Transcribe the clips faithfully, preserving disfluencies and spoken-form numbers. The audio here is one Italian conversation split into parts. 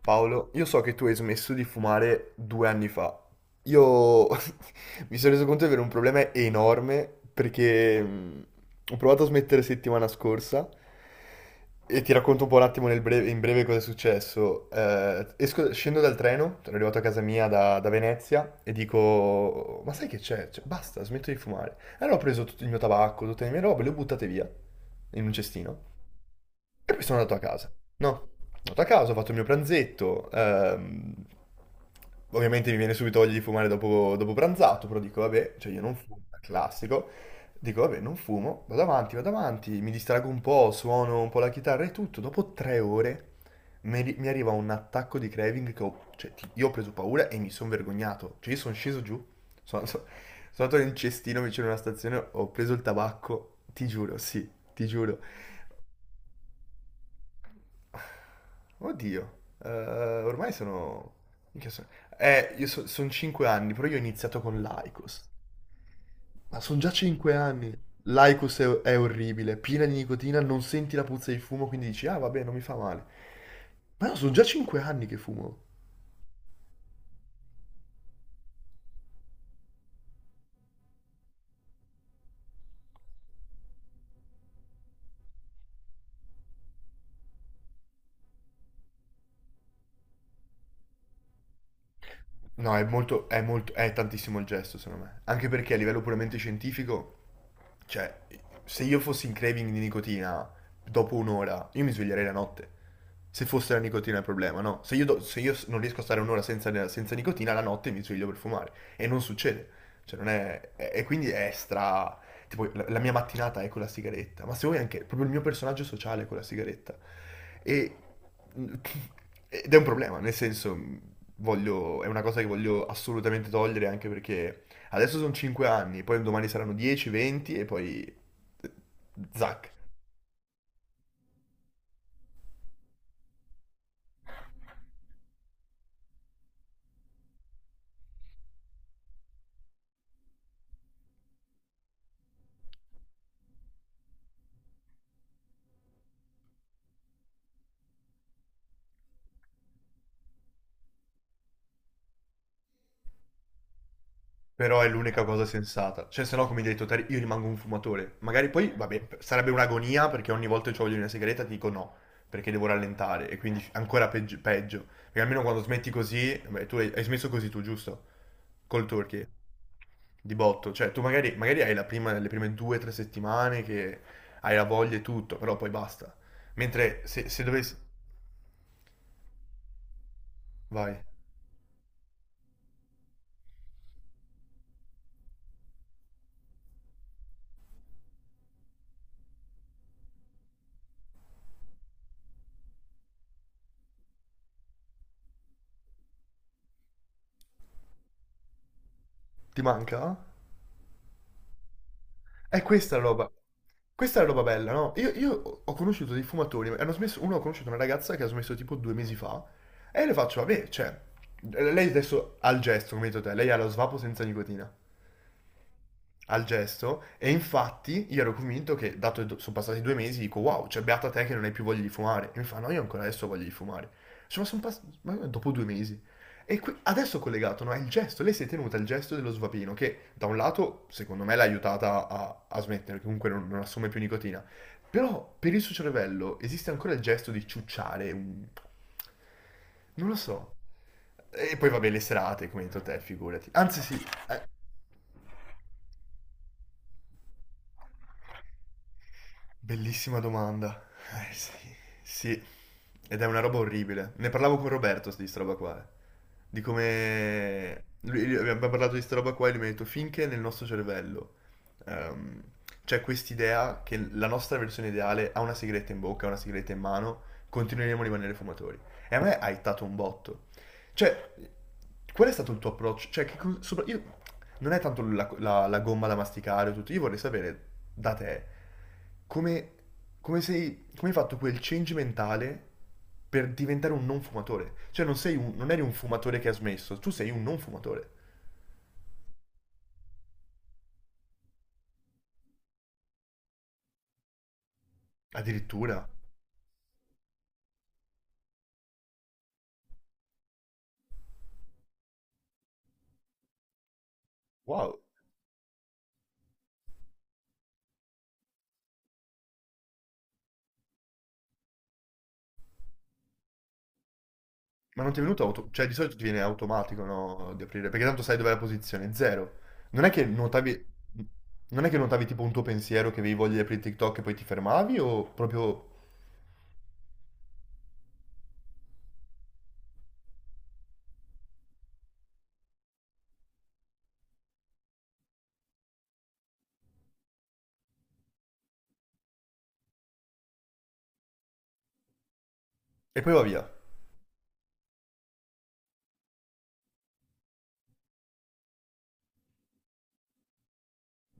Paolo, io so che tu hai smesso di fumare due anni fa. Io mi sono reso conto di avere un problema enorme perché mh, ho provato a smettere settimana scorsa e ti racconto un po' un attimo nel breve- in breve cosa è successo. Eh, esco- scendo dal treno, sono arrivato a casa mia da, da Venezia e dico, ma sai che c'è? Cioè, basta, smetto di fumare. E allora ho preso tutto il mio tabacco, tutte le mie robe, le ho buttate via in un cestino e poi sono andato a casa, no? Sono andato a casa, ho fatto il mio pranzetto. Ehm, ovviamente mi viene subito voglia di fumare dopo, dopo pranzato, però dico, vabbè, cioè io non fumo, è classico. Dico, vabbè, non fumo, vado avanti, vado avanti, mi distrago un po', suono un po' la chitarra e tutto. Dopo tre ore mi, arri- mi arriva un attacco di craving che ho, cioè, ti- io ho preso paura e mi sono vergognato. Cioè, io sono sceso giù, sono, sono sono andato in un cestino vicino a una stazione, ho preso il tabacco, ti giuro, sì, ti giuro. Oddio, eh, ormai sono. Minchia, sono- Eh, io sono cinque anni, però io ho iniziato con l'Aicos. Ma sono già cinque anni. L'Aicos è, è orribile, piena di nicotina, non senti la puzza di fumo, quindi dici, ah vabbè, non mi fa male. Ma no, sono già cinque anni che fumo. No, è molto, è molto, è tantissimo il gesto, secondo me. Anche perché a livello puramente scientifico, cioè, se io fossi in craving di nicotina dopo un'ora, io mi sveglierei la notte. Se fosse la nicotina il problema, no? Se io, do- se io s- non riesco a stare un'ora senza, senza nicotina, la notte mi sveglio per fumare. E non succede. Cioè, non è. E e quindi è stra. Tipo, la, la mia mattinata è con la sigaretta. Ma se vuoi anche. Proprio il mio personaggio sociale è con la sigaretta. E, ed è un problema, nel senso, voglio, è una cosa che voglio assolutamente togliere anche perché adesso sono cinque anni, poi domani saranno dieci, venti e poi. Zac. Però è l'unica cosa sensata. Cioè, se no, come hai detto, te, io rimango un fumatore. Magari poi, vabbè, sarebbe un'agonia perché ogni volta che voglio una sigaretta ti dico no, perché devo rallentare e quindi ancora peggio. peggio. Perché almeno quando smetti così, beh, tu hai, hai smesso così tu, giusto? Col turkey. Di botto, cioè tu magari, magari hai la prima, le prime due o tre settimane che hai la voglia e tutto, però poi basta. Mentre se, se dovessi. Vai, ti manca? È questa la roba. Questa è la roba bella, no? Io, io ho conosciuto dei fumatori, hanno smesso, uno ha conosciuto una ragazza che ha smesso tipo due mesi fa, e io le faccio, vabbè, cioè, lei adesso ha il gesto, come hai detto te, lei ha lo svapo senza nicotina. Al gesto e infatti io ero convinto che, dato che sono passati due mesi, dico wow, cioè beata te che non hai più voglia di fumare. E mi fa no, io ancora adesso ho voglia di fumare. Cioè, ma sono passati dopo due mesi. E qui, adesso collegato, no, è il gesto, lei si è tenuta il gesto dello svapino che da un lato secondo me l'ha aiutata a, a smettere, che comunque non, non assume più nicotina, però per il suo cervello esiste ancora il gesto di ciucciare, un- non lo so. E poi vabbè le serate, come hai detto te, figurati. Anzi sì, eh, bellissima domanda. Eh sì, sì. Ed è una roba orribile. Ne parlavo con Roberto di sta roba qua. eh. Di come. Lui, lui- abbiamo parlato di sta roba qua e lui mi ha detto finché nel nostro cervello ehm, c'è quest'idea che la nostra versione ideale ha una sigaretta in bocca, ha una sigaretta in mano, continueremo a rimanere fumatori. E a me ha ittato un botto. Cioè, qual è stato il tuo approccio? Cioè, che cos- sopra- io- non è tanto la, la- la gomma da masticare o tutto, io vorrei sapere da te come, come sei, come hai fatto quel change mentale per diventare un non fumatore. Cioè, non sei un- non eri un fumatore che ha smesso, tu sei un non fumatore. Addirittura. Wow. Ma non ti è venuto auto. Cioè, di solito ti viene automatico, no, di aprire, perché tanto sai dov'è la posizione, zero. Non è che notavi. Non è che notavi tipo un tuo pensiero che avevi voglia di aprire TikTok e poi ti fermavi o proprio. E poi va via.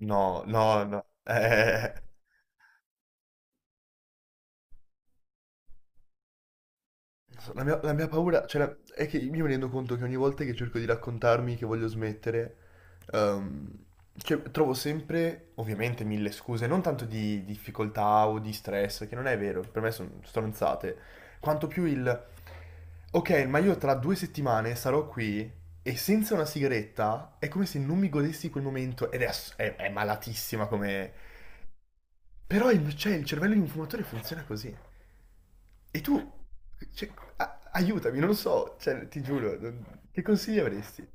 No, no, no. Eh, non so, la mia, la mia paura, cioè, la- è che io mi rendo conto che ogni volta che cerco di raccontarmi che voglio smettere, ehm, cioè, trovo sempre, ovviamente, mille scuse, non tanto di difficoltà o di stress, che non è vero, per me sono stronzate, quanto più il, ok, ma io tra due settimane sarò qui e senza una sigaretta è come se non mi godessi quel momento ed è, ass- è- è malatissima come. Però il- cioè, il cervello di un fumatore funziona così. E tu, cioè, a- aiutami, non lo so, cioè, ti giuro, non- che consigli avresti?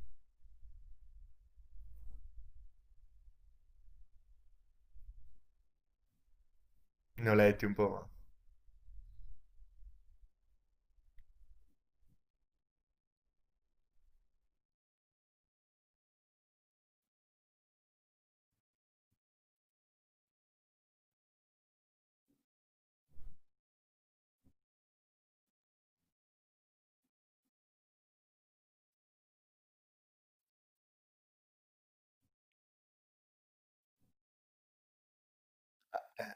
Ne ho letti un po', ma.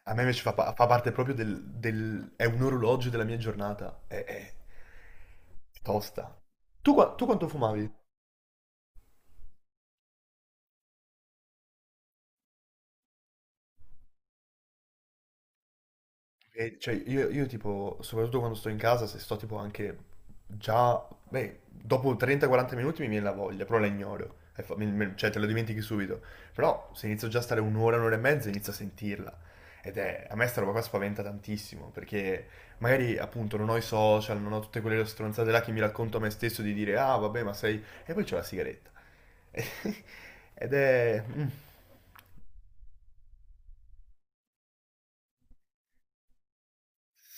A me invece fa, pa- fa parte proprio del, del- è un orologio della mia giornata, è, è- è tosta. Tu, qua- tu quanto fumavi? E, cioè, io, io, tipo, soprattutto quando sto in casa, se sto tipo anche già, beh, dopo trenta quaranta minuti mi viene la voglia, però la ignoro, E fa- mi- mi- cioè te lo dimentichi subito. Però se inizio già a stare un'ora, un'ora e mezza, inizio a sentirla. Ed è, a me sta roba qua spaventa tantissimo, perché magari appunto non ho i social, non ho tutte quelle stronzate là che mi racconto a me stesso di dire, ah vabbè, ma sei. E poi c'ho la sigaretta. Ed è. Mm.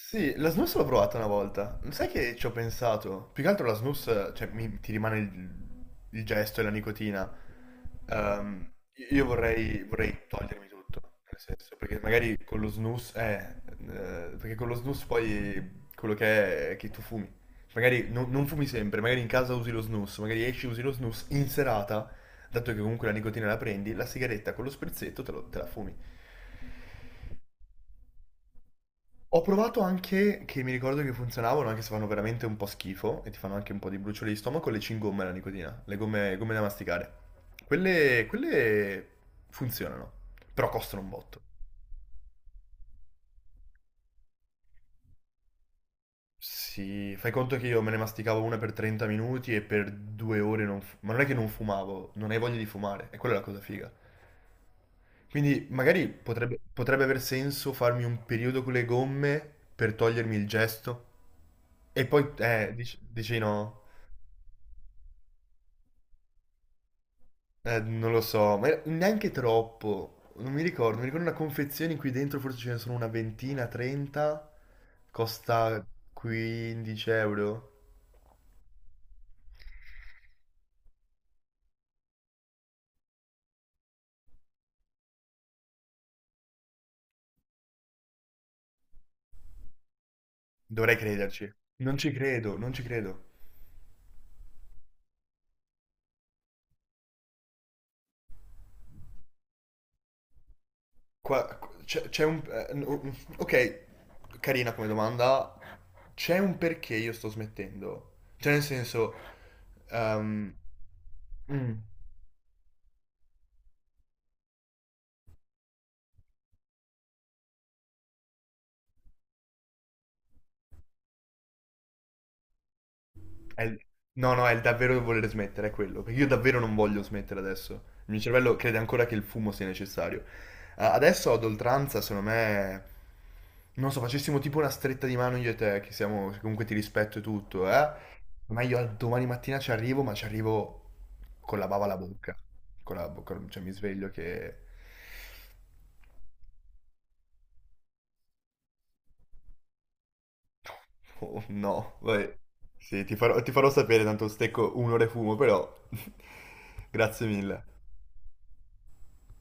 Sì, la snus l'ho provata una volta. Sai che ci ho pensato? Più che altro la snus, cioè, mi- ti rimane il, il, gesto e la nicotina. Ehm, io vorrei, vorrei togliermi tutto, nel senso, perché magari con lo snus, eh, eh, perché con lo snus poi quello che è è che tu fumi. Magari non, non fumi sempre, magari in casa usi lo snus, magari esci usi lo snus in serata, dato che comunque la nicotina la prendi, la sigaretta con lo sprizzetto te, lo- te la fumi. Ho provato anche, che mi ricordo che funzionavano, anche se fanno veramente un po' schifo e ti fanno anche un po' di bruciore di stomaco, le cingomme alla nicotina, le gomme, gomme da masticare. Quelle, quelle funzionano, però costano un botto. Sì, fai conto che io me ne masticavo una per trenta minuti e per due ore. Non... fu- Ma non è che non fumavo, non hai voglia di fumare, e quella è la cosa figa. Quindi magari potrebbe, potrebbe aver senso farmi un periodo con le gomme per togliermi il gesto. E poi, eh, dici, dici no. Eh, non lo so, ma era- neanche troppo. Non mi ricordo, mi ricordo una confezione in cui dentro forse ce ne sono una ventina, trenta. Costa quindici euro. Dovrei crederci. Non ci credo, non ci credo. Qua c'è c'è un... eh, no- Ok, carina come domanda. C'è un perché io sto smettendo. Cioè, nel senso... ehm, mm. È il- No, no, è il davvero voler smettere, è quello. Perché io davvero non voglio smettere adesso. Il mio cervello crede ancora che il fumo sia necessario. Eh, adesso ad oltranza, secondo me. Non so, facessimo tipo una stretta di mano io e te, che siamo. Che comunque ti rispetto e tutto, eh? Ma io al domani mattina ci arrivo, ma ci arrivo con la bava alla bocca. Con la bocca. Cioè mi sveglio che. Oh no, vai. Sì, ti farò, ti farò sapere, tanto stecco un'ora e fumo, però. Grazie mille.